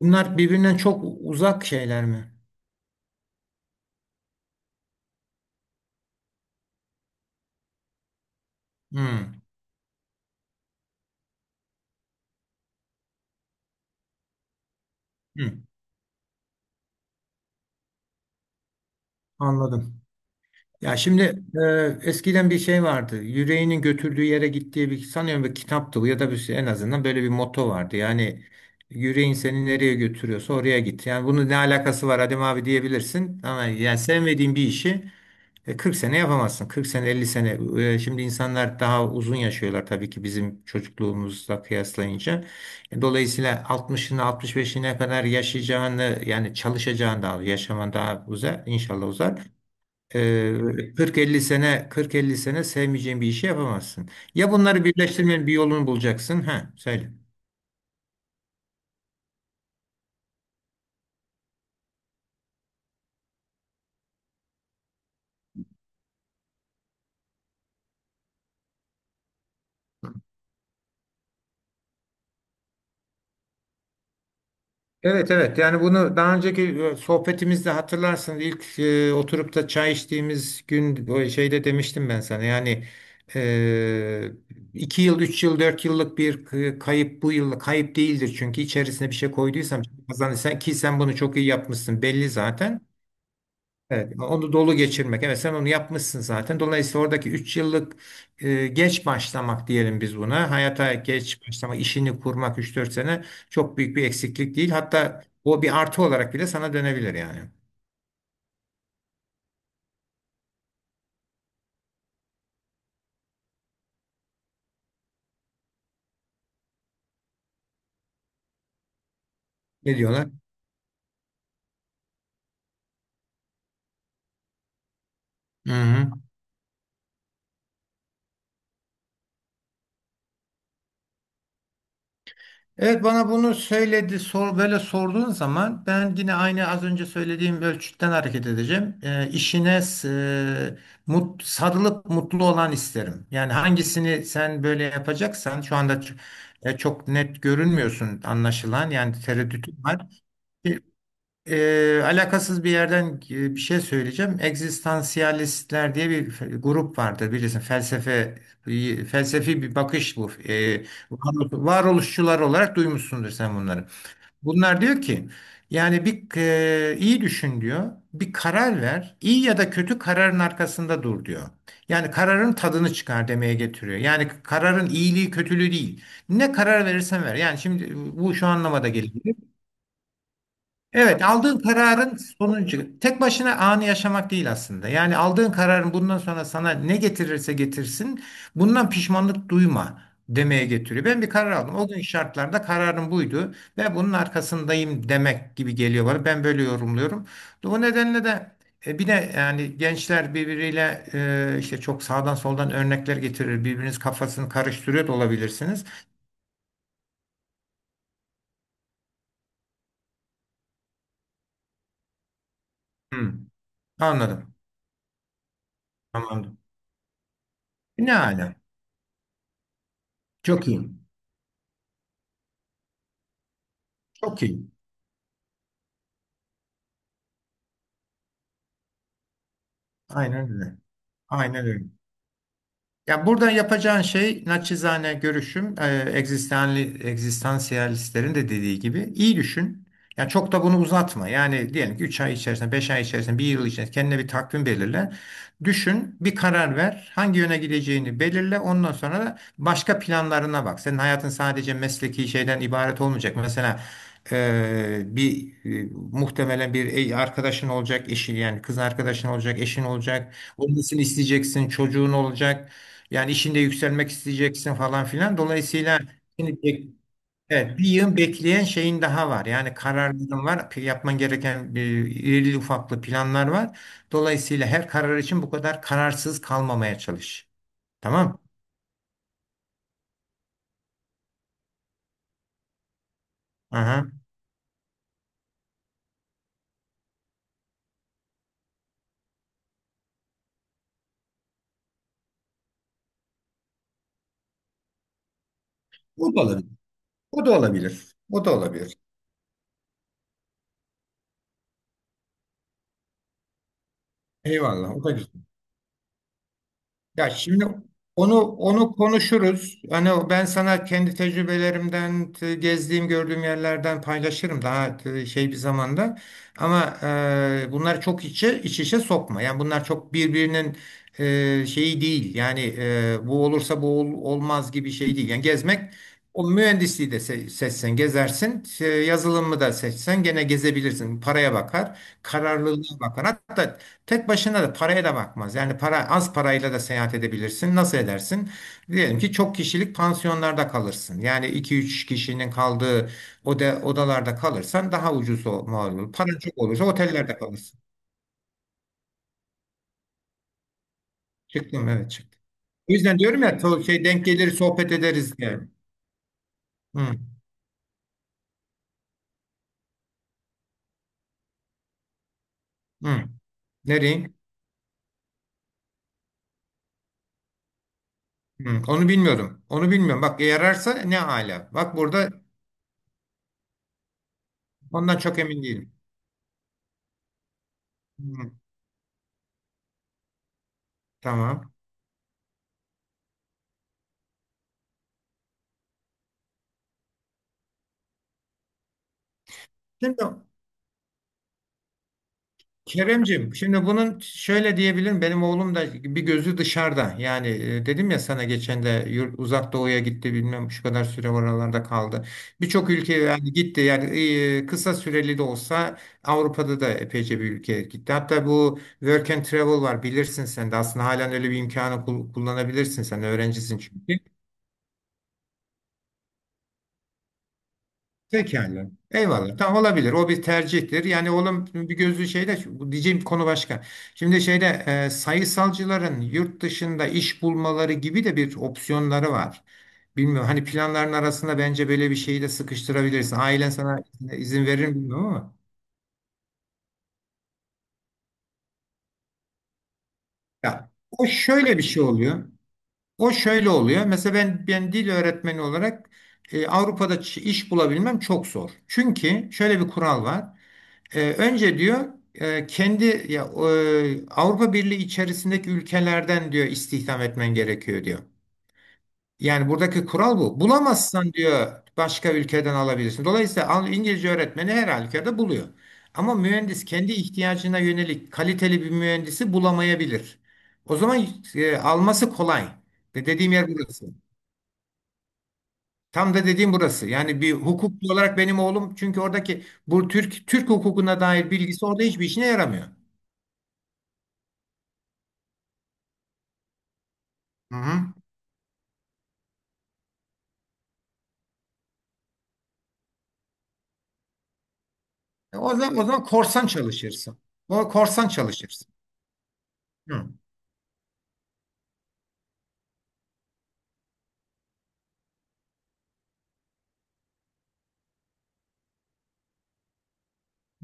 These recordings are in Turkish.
Bunlar birbirinden çok uzak şeyler mi? Hmm, hmm, anladım. Ya şimdi eskiden bir şey vardı. Yüreğinin götürdüğü yere gittiği bir sanıyorum bir kitaptı bu ya da bir şey, en azından böyle bir motto vardı. Yani yüreğin seni nereye götürüyorsa oraya git. Yani bunun ne alakası var Adem abi diyebilirsin. Ama yani sevmediğin bir işi 40 sene yapamazsın. 40 sene 50 sene. Şimdi insanlar daha uzun yaşıyorlar tabii ki bizim çocukluğumuzla kıyaslayınca. Dolayısıyla 60'ına 65'ine kadar yaşayacağını yani çalışacağını daha yaşaman daha uzar inşallah uzar. E, 40-50 sene sevmeyeceğin bir işi yapamazsın. Ya bunları birleştirmenin bir yolunu bulacaksın. Ha söyle. Evet, evet, yani bunu daha önceki sohbetimizde hatırlarsın ilk oturup da çay içtiğimiz gün o şeyde demiştim ben sana yani e, 2 yıl 3 yıl 4 yıllık bir kayıp bu yıllık kayıp değildir çünkü içerisine bir şey koyduysam kazanırsan ki sen bunu çok iyi yapmışsın belli zaten. Evet, onu dolu geçirmek. Evet, sen onu yapmışsın zaten. Dolayısıyla oradaki 3 yıllık geç başlamak diyelim biz buna. Hayata geç başlamak, işini kurmak 3-4 sene çok büyük bir eksiklik değil. Hatta o bir artı olarak bile sana dönebilir yani. Ne diyorlar? Hı hı. Evet, bana bunu söyledi sor böyle sorduğun zaman ben yine aynı az önce söylediğim ölçütten hareket edeceğim. İşine sarılıp mutlu olan isterim. Yani hangisini sen böyle yapacaksan şu anda çok net görünmüyorsun anlaşılan yani tereddütün var. Alakasız bir yerden bir şey söyleyeceğim. Egzistansiyalistler diye bir grup vardır bilirsin. Felsefe felsefi bir bakış bu. Varoluşçular olarak duymuşsundur sen bunları. Bunlar diyor ki yani bir iyi düşün diyor. Bir karar ver. İyi ya da kötü kararın arkasında dur diyor. Yani kararın tadını çıkar demeye getiriyor. Yani kararın iyiliği kötülüğü değil. Ne karar verirsen ver. Yani şimdi bu şu anlamada geliyor. Evet, aldığın kararın sonucu tek başına anı yaşamak değil aslında. Yani aldığın kararın bundan sonra sana ne getirirse getirsin, bundan pişmanlık duyma demeye getiriyor. Ben bir karar aldım. O gün şartlarda kararım buydu ve bunun arkasındayım demek gibi geliyor bana. Ben böyle yorumluyorum. O nedenle de bir de yani gençler birbiriyle işte çok sağdan soldan örnekler getirir. Birbiriniz kafasını karıştırıyor da olabilirsiniz. Hmm, anladım. Tamamdır. Ne ala. Çok iyi. Çok iyi. Aynen öyle. Aynen öyle. Ya buradan yapacağın şey naçizane görüşüm egzistansiyalistlerin de dediği gibi iyi düşün. Ya çok da bunu uzatma. Yani diyelim ki 3 ay içerisinde, 5 ay içerisinde, bir yıl içerisinde kendine bir takvim belirle. Düşün, bir karar ver. Hangi yöne gideceğini belirle. Ondan sonra da başka planlarına bak. Senin hayatın sadece mesleki şeyden ibaret olmayacak. Mesela bir muhtemelen bir arkadaşın olacak, eşin yani kız arkadaşın olacak, eşin olacak. Olmasını isteyeceksin, çocuğun olacak. Yani işinde yükselmek isteyeceksin falan filan. Dolayısıyla şimdi evet, bir yığın bekleyen şeyin daha var. Yani kararların var. Yapman gereken irili ufaklı planlar var. Dolayısıyla her karar için bu kadar kararsız kalmamaya çalış. Tamam? Aha. O da olabilir. O da olabilir. O da olabilir. Eyvallah. O da güzel. Ya şimdi onu konuşuruz. Hani ben sana kendi tecrübelerimden, gezdiğim, gördüğüm yerlerden paylaşırım daha şey bir zamanda. Ama bunlar çok içe iç içe sokma. Yani bunlar çok birbirinin şeyi değil. Yani bu olursa bu olmaz gibi şey değil. Yani gezmek o mühendisliği de seçsen gezersin, şey, yazılımı da seçsen gene gezebilirsin. Paraya bakar, kararlılığa bakar. Hatta tek başına da paraya da bakmaz. Yani para az parayla da seyahat edebilirsin. Nasıl edersin? Diyelim ki çok kişilik pansiyonlarda kalırsın. Yani 2-3 kişinin kaldığı odalarda kalırsan daha ucuz mal olur. Paran çok olursa otellerde kalırsın. Çıktım, evet, çıktım. O yüzden diyorum ya şey denk gelir sohbet ederiz diye. Hı, hı. Nereye? Hı, onu bilmiyordum. Onu bilmiyorum. Bak yararsa ne ala. Bak burada ondan çok emin değilim. Hı, tamam. Şimdi Keremcim, şimdi bunun şöyle diyebilirim. Benim oğlum da bir gözü dışarıda. Yani dedim ya sana geçen de yurt, uzak doğuya gitti bilmem şu kadar süre oralarda kaldı. Birçok ülke yani gitti. Yani kısa süreli de olsa Avrupa'da da epeyce bir ülke gitti. Hatta bu work and travel var bilirsin sen de. Aslında halen öyle bir imkanı kullanabilirsin sen öğrencisin çünkü. Pekala. Eyvallah. Tamam olabilir. O bir tercihtir. Yani oğlum bir gözlü şeyde bu diyeceğim konu başka. Şimdi şeyde sayısalcıların yurt dışında iş bulmaları gibi de bir opsiyonları var. Bilmiyorum hani planların arasında bence böyle bir şeyi de sıkıştırabilirsin. Ailen sana izin verir mi bilmiyorum ama. Ya, o şöyle bir şey oluyor. O şöyle oluyor. Mesela ben dil öğretmeni olarak Avrupa'da iş bulabilmem çok zor. Çünkü şöyle bir kural var. Önce diyor kendi ya Avrupa Birliği içerisindeki ülkelerden diyor istihdam etmen gerekiyor diyor. Yani buradaki kural bu. Bulamazsan diyor başka ülkeden alabilirsin. Dolayısıyla İngilizce öğretmeni her halükarda buluyor. Ama mühendis kendi ihtiyacına yönelik kaliteli bir mühendisi bulamayabilir. O zaman alması kolay. Ve dediğim yer burası. Tam da dediğim burası. Yani bir hukukçu olarak benim oğlum çünkü oradaki bu Türk hukukuna dair bilgisi orada hiçbir işine yaramıyor. Hı hı. O zaman, korsan çalışırsın. O korsan çalışırsın. Hı.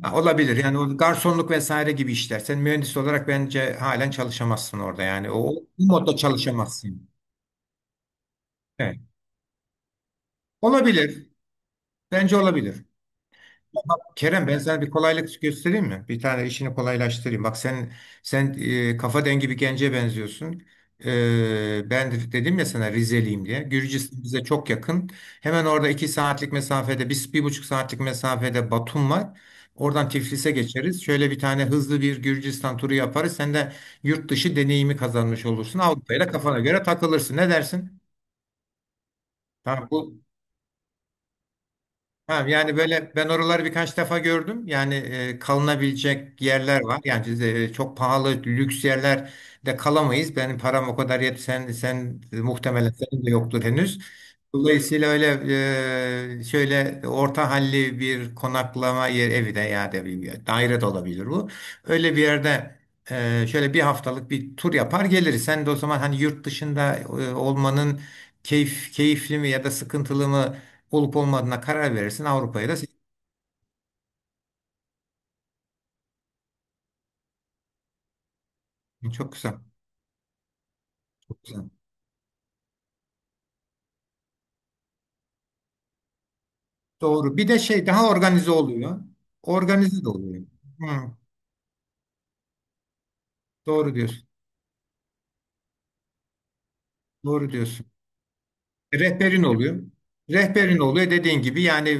Ha, olabilir. Yani o garsonluk vesaire gibi işler. Sen mühendis olarak bence halen çalışamazsın orada yani. O modda çalışamazsın. Evet. Olabilir. Bence olabilir. Tamam, Kerem, ben sana bir kolaylık göstereyim mi? Bir tane işini kolaylaştırayım. Bak sen kafa dengi bir gence benziyorsun. Ben de dedim ya sana Rizeliyim diye. Gürcistan bize çok yakın. Hemen orada 2 saatlik mesafede, 1,5 saatlik mesafede Batum var. Oradan Tiflis'e geçeriz. Şöyle bir tane hızlı bir Gürcistan turu yaparız. Sen de yurt dışı deneyimi kazanmış olursun. Avrupa'yla kafana göre takılırsın. Ne dersin? Tamam, bu ha, yani böyle ben oraları birkaç defa gördüm. Yani kalınabilecek yerler var. Yani çok pahalı lüks yerler de kalamayız. Benim param o kadar yet. Sen muhtemelen senin de yoktur henüz. Dolayısıyla öyle şöyle orta halli bir konaklama yer evi de ya da bir daire de olabilir bu. Öyle bir yerde şöyle 1 haftalık bir tur yapar geliriz. Sen de o zaman hani yurt dışında olmanın keyifli mi ya da sıkıntılı mı olup olmadığına karar verirsin. Avrupa'ya da seçersin. Çok güzel. Çok güzel. Doğru. Bir de şey daha organize oluyor. Organize de oluyor. Hı, doğru diyorsun. Doğru diyorsun. Rehberin oluyor. Rehberin oluyor dediğin gibi yani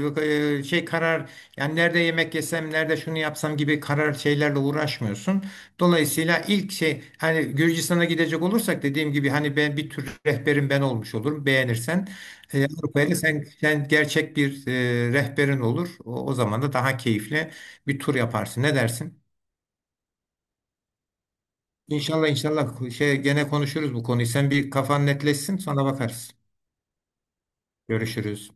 şey karar yani nerede yemek yesem nerede şunu yapsam gibi karar şeylerle uğraşmıyorsun. Dolayısıyla ilk şey hani Gürcistan'a gidecek olursak dediğim gibi hani ben bir tür rehberin ben olmuş olurum beğenirsen. Avrupa'ya da sen gerçek bir rehberin olur. O zaman da daha keyifli bir tur yaparsın. Ne dersin? İnşallah, inşallah, şey gene konuşuruz bu konuyu. Sen bir kafan netleşsin sonra bakarız. Görüşürüz.